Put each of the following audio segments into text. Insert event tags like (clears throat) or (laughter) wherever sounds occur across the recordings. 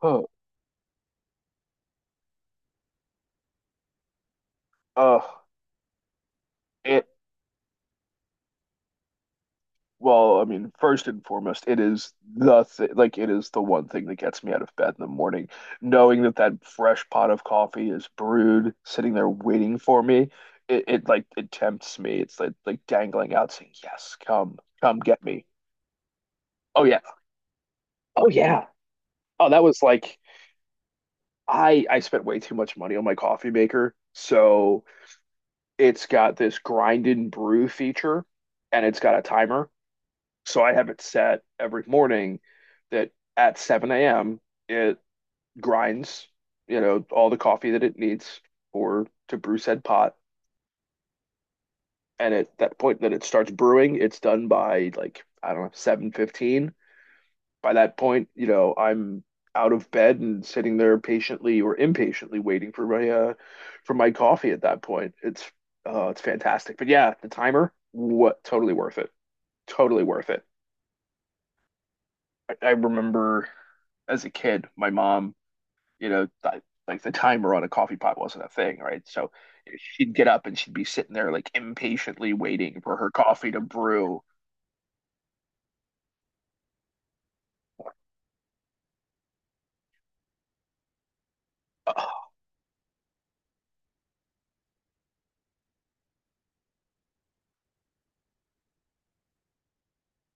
Huh. Uh, it, well, I mean, first and foremost, it is the th like it is the one thing that gets me out of bed in the morning, knowing that that fresh pot of coffee is brewed, sitting there waiting for me. It like it tempts me. It's like dangling out, saying, "Yes, come, come get me." Oh yeah, oh yeah. Oh, that was like I spent way too much money on my coffee maker, so it's got this grind and brew feature, and it's got a timer. So I have it set every morning that at 7 a.m. it grinds, you know, all the coffee that it needs for to brew said pot. And at that point that it starts brewing, it's done by like, I don't know, 7:15. By that point, you know, I'm out of bed and sitting there patiently or impatiently waiting for my coffee at that point. It's fantastic. But yeah, the timer, what totally worth it. Totally worth it. I remember as a kid, my mom, you know, th like the timer on a coffee pot wasn't a thing, right? So she'd get up and she'd be sitting there like impatiently waiting for her coffee to brew. Oh,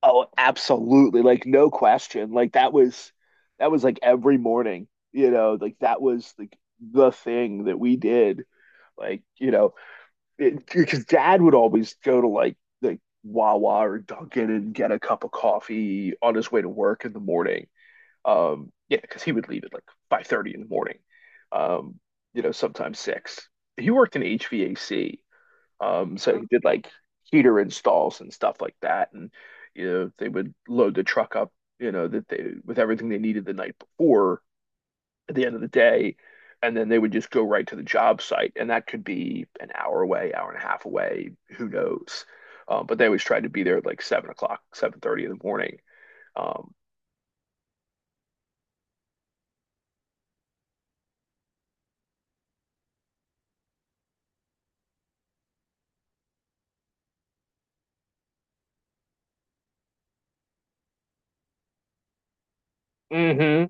oh, absolutely. Like no question. Like that was like every morning, you know, like that was like the thing that we did. Like, you know, it, because dad would always go to like Wawa or Dunkin' and get a cup of coffee on his way to work in the morning. Yeah, because he would leave at like 5:30 in the morning. Um, you know, sometimes six. He worked in HVAC. So he did like heater installs and stuff like that. And you know, they would load the truck up, you know, that they with everything they needed the night before at the end of the day, and then they would just go right to the job site. And that could be an hour away, hour and a half away, who knows? But they always tried to be there at like 7 o'clock, 7:30 in the morning. Um, hmm,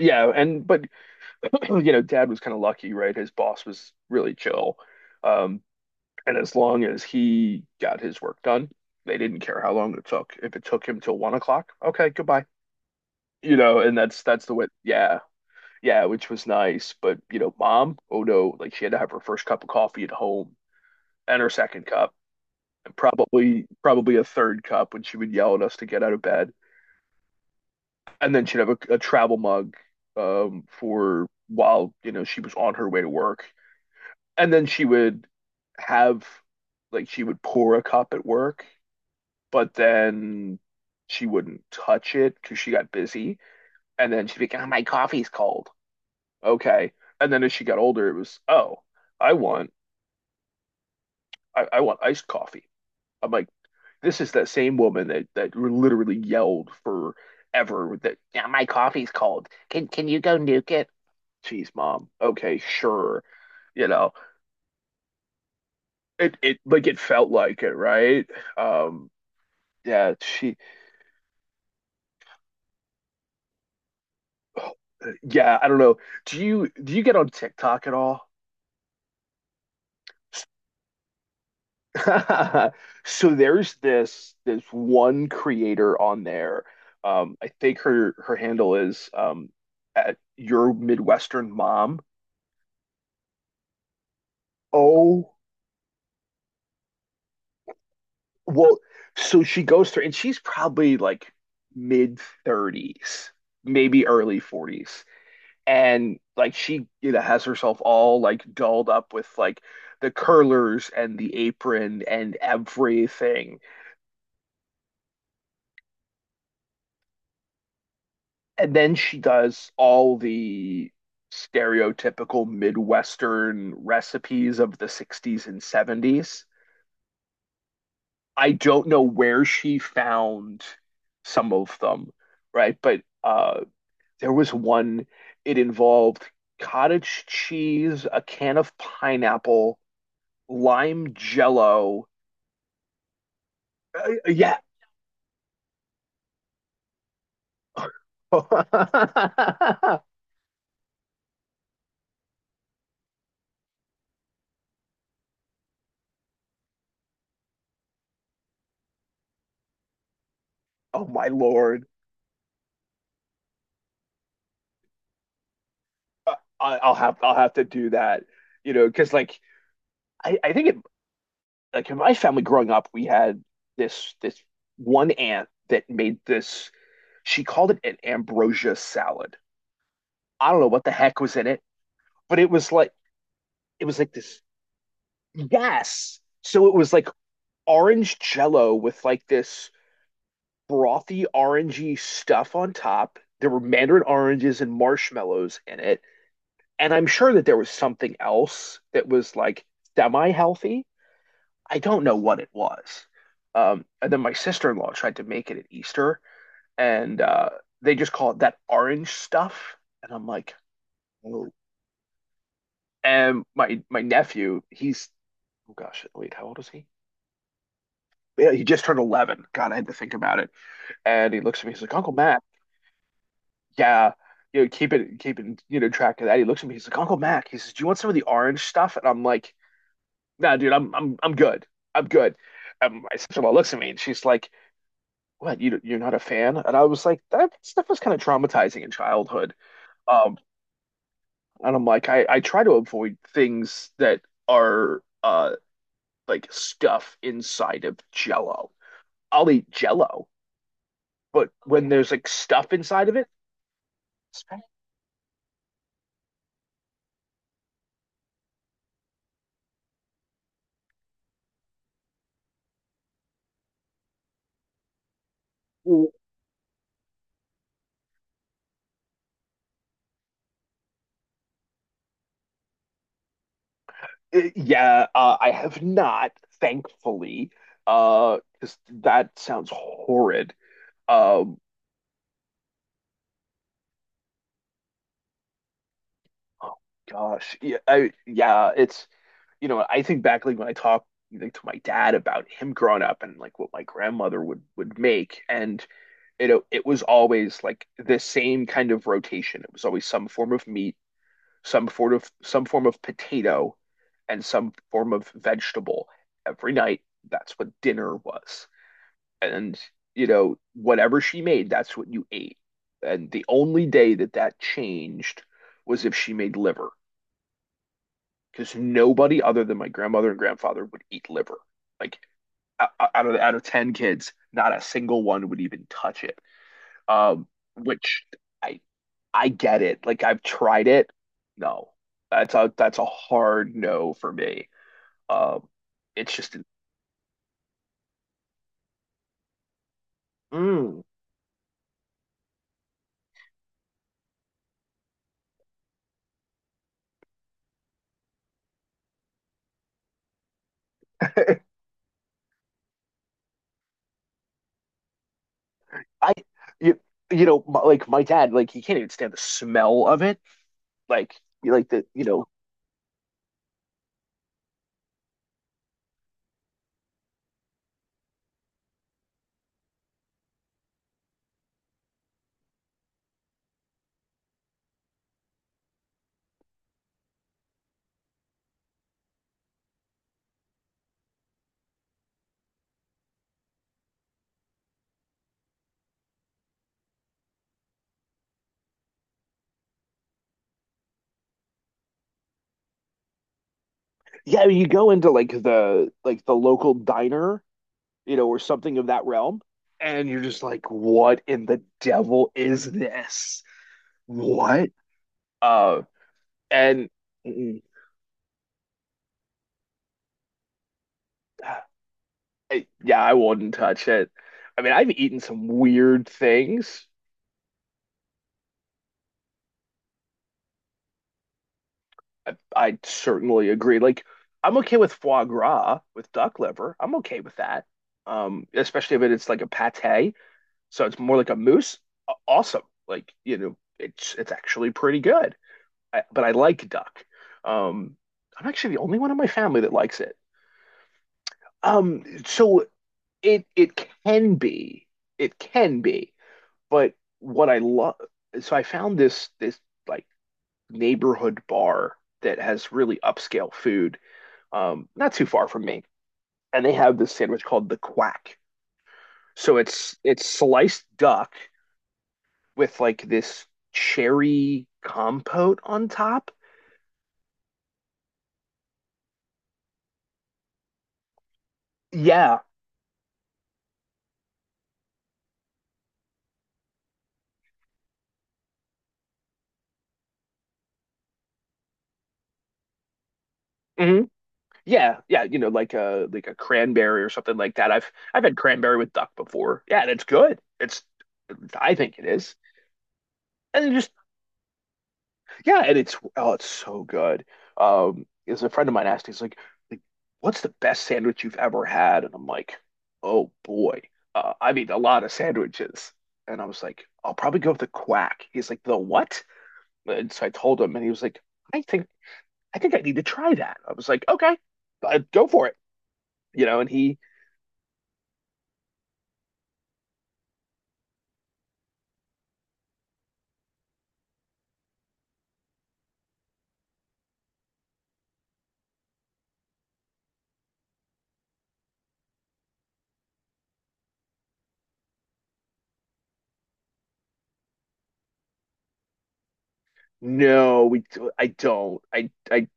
yeah, and but (clears throat) you know, Dad was kind of lucky, right? His boss was really chill. Um, and as long as he got his work done, they didn't care how long it took. If it took him till 1 o'clock, okay, goodbye. You know, and that's the way, yeah, yeah, which was nice. But you know, mom, oh no, like she had to have her first cup of coffee at home and her second cup. And probably a third cup when she would yell at us to get out of bed, and then she'd have a travel mug, for while she was on her way to work, and then she would have like she would pour a cup at work, but then she wouldn't touch it because she got busy. And then she'd be like, "Oh, my coffee's cold." Okay. And then as she got older, it was, "Oh, I want I want iced coffee." I'm like, this is that same woman that that literally yelled forever that, "Yeah, my coffee's cold. Can you go nuke it?" Jeez, mom. Okay, sure. You know, it like it felt like it, right? Um, yeah, she. Yeah, I don't know. Do you get on TikTok at all? (laughs) So there's this one creator on there. I think her handle is @YourMidwesternMom. Oh, well, so she goes through, and she's probably like mid 30s, maybe early 40s. And like she, you know, has herself all like dolled up with like the curlers and the apron and everything. And then she does all the stereotypical midwestern recipes of the 60s and 70s. I don't know where she found some of them, right? But there was one. It involved cottage cheese, a can of pineapple, lime jello. Yeah. (laughs) Oh my Lord. I'll have to do that. You know, because like I think it like in my family growing up, we had this one aunt that made this. She called it an ambrosia salad. I don't know what the heck was in it, but it was like, it was like this. Yes, so it was like orange jello with like this frothy orangey stuff on top. There were mandarin oranges and marshmallows in it. And I'm sure that there was something else that was like semi healthy. I don't know what it was. And then my sister-in-law tried to make it at Easter, and they just call it that orange stuff. And I'm like, oh. And my nephew, he's oh gosh, wait, how old is he? Yeah, he just turned 11. God, I had to think about it. And he looks at me, he's like, Uncle Matt, yeah, you know, keeping track of that. He looks at me, he's like, Uncle Mac, he says, do you want some of the orange stuff? And I'm like, nah, dude, I'm good. I'm good. And my sister-in-law looks at me and she's like, "What? You're not a fan?" And I was like, "That stuff was kind of traumatizing in childhood." Um, and I'm like, I try to avoid things that are like stuff inside of Jello. I'll eat Jello, but when there's like stuff inside of it, like, "Well, yeah, I have not, thankfully, because that sounds horrid. Um Oh gosh, yeah, I, yeah. It's you know, I think back like when I talk like to my dad about him growing up and like what my grandmother would make, and you know, it was always like the same kind of rotation. It was always some form of meat, some form of potato, and some form of vegetable every night. That's what dinner was, and you know, whatever she made, that's what you ate. And the only day that that changed was if she made liver because nobody other than my grandmother and grandfather would eat liver. Like out of 10 kids, not a single one would even touch it. Um, which I I get it. Like I've tried it. No. That's a hard no for me. Um, it's just an- mm, I you, you know my, like my dad, like he can't even stand the smell of it. Like you like the you know yeah, you go into like the local diner, you know, or something of that realm. And you're just like, what in the devil is this? What? Uh, and mm, yeah, I wouldn't touch it. I mean, I've eaten some weird things. I certainly agree. Like, I'm okay with foie gras, with duck liver. I'm okay with that. Especially if it's like a pate, so it's more like a mousse. Awesome. Like, you know, it's actually pretty good. But I like duck. Um, I'm actually the only one in my family that likes it. So it can be, it can be, but what I love, so I found this like neighborhood bar that has really upscale food, not too far from me, and they have this sandwich called the Quack. So it's sliced duck with like this cherry compote on top. Yeah. Mhm. Yeah, yeah, you know, like a cranberry or something like that. I've had cranberry with duck before. Yeah, and it's good. It's I think it is. And it just yeah, and it's oh, it's so good. Is a friend of mine asked, he's like, what's the best sandwich you've ever had? And I'm like, oh boy, I've eaten a lot of sandwiches. And I was like, I'll probably go with the quack. He's like, the what? And so I told him, and he was like, I think I think I need to try that. I was like, okay, go for it. You know, and he no, we I don't. I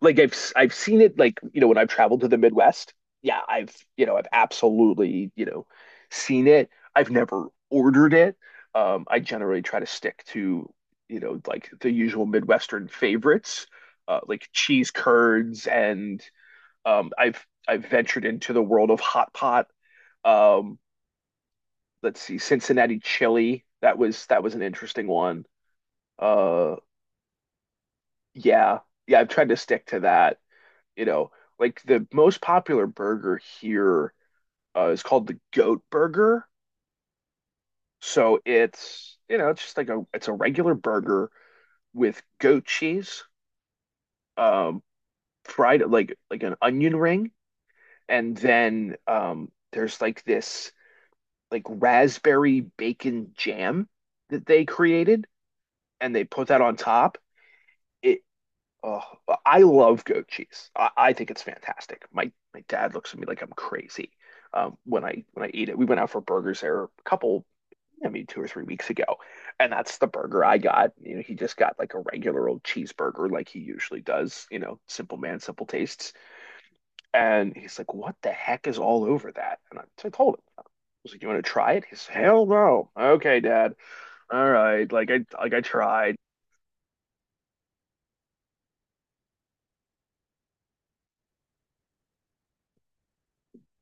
like I've seen it like, you know, when I've traveled to the Midwest. Yeah, I've, you know, I've absolutely, you know, seen it. I've never ordered it. I generally try to stick to, you know, like the usual Midwestern favorites, like cheese curds and I've ventured into the world of hot pot. Um, let's see, Cincinnati chili. That was an interesting one. Uh yeah. Yeah, I've tried to stick to that. You know, like the most popular burger here is called the goat burger. So it's, you know, it's just like a it's a regular burger with goat cheese, um, fried like an onion ring, and then there's like this like raspberry bacon jam that they created, and they put that on top. It Oh, I love goat cheese. I think it's fantastic. My dad looks at me like I'm crazy, when I eat it. We went out for burgers there a couple, I mean, 2 or 3 weeks ago, and that's the burger I got. You know, he just got like a regular old cheeseburger, like he usually does. You know, simple man, simple tastes. And he's like, "What the heck is all over that?" And so I told him, "I was like, you want to try it?" He's, "Hell no." Okay, Dad. All right. Like I tried.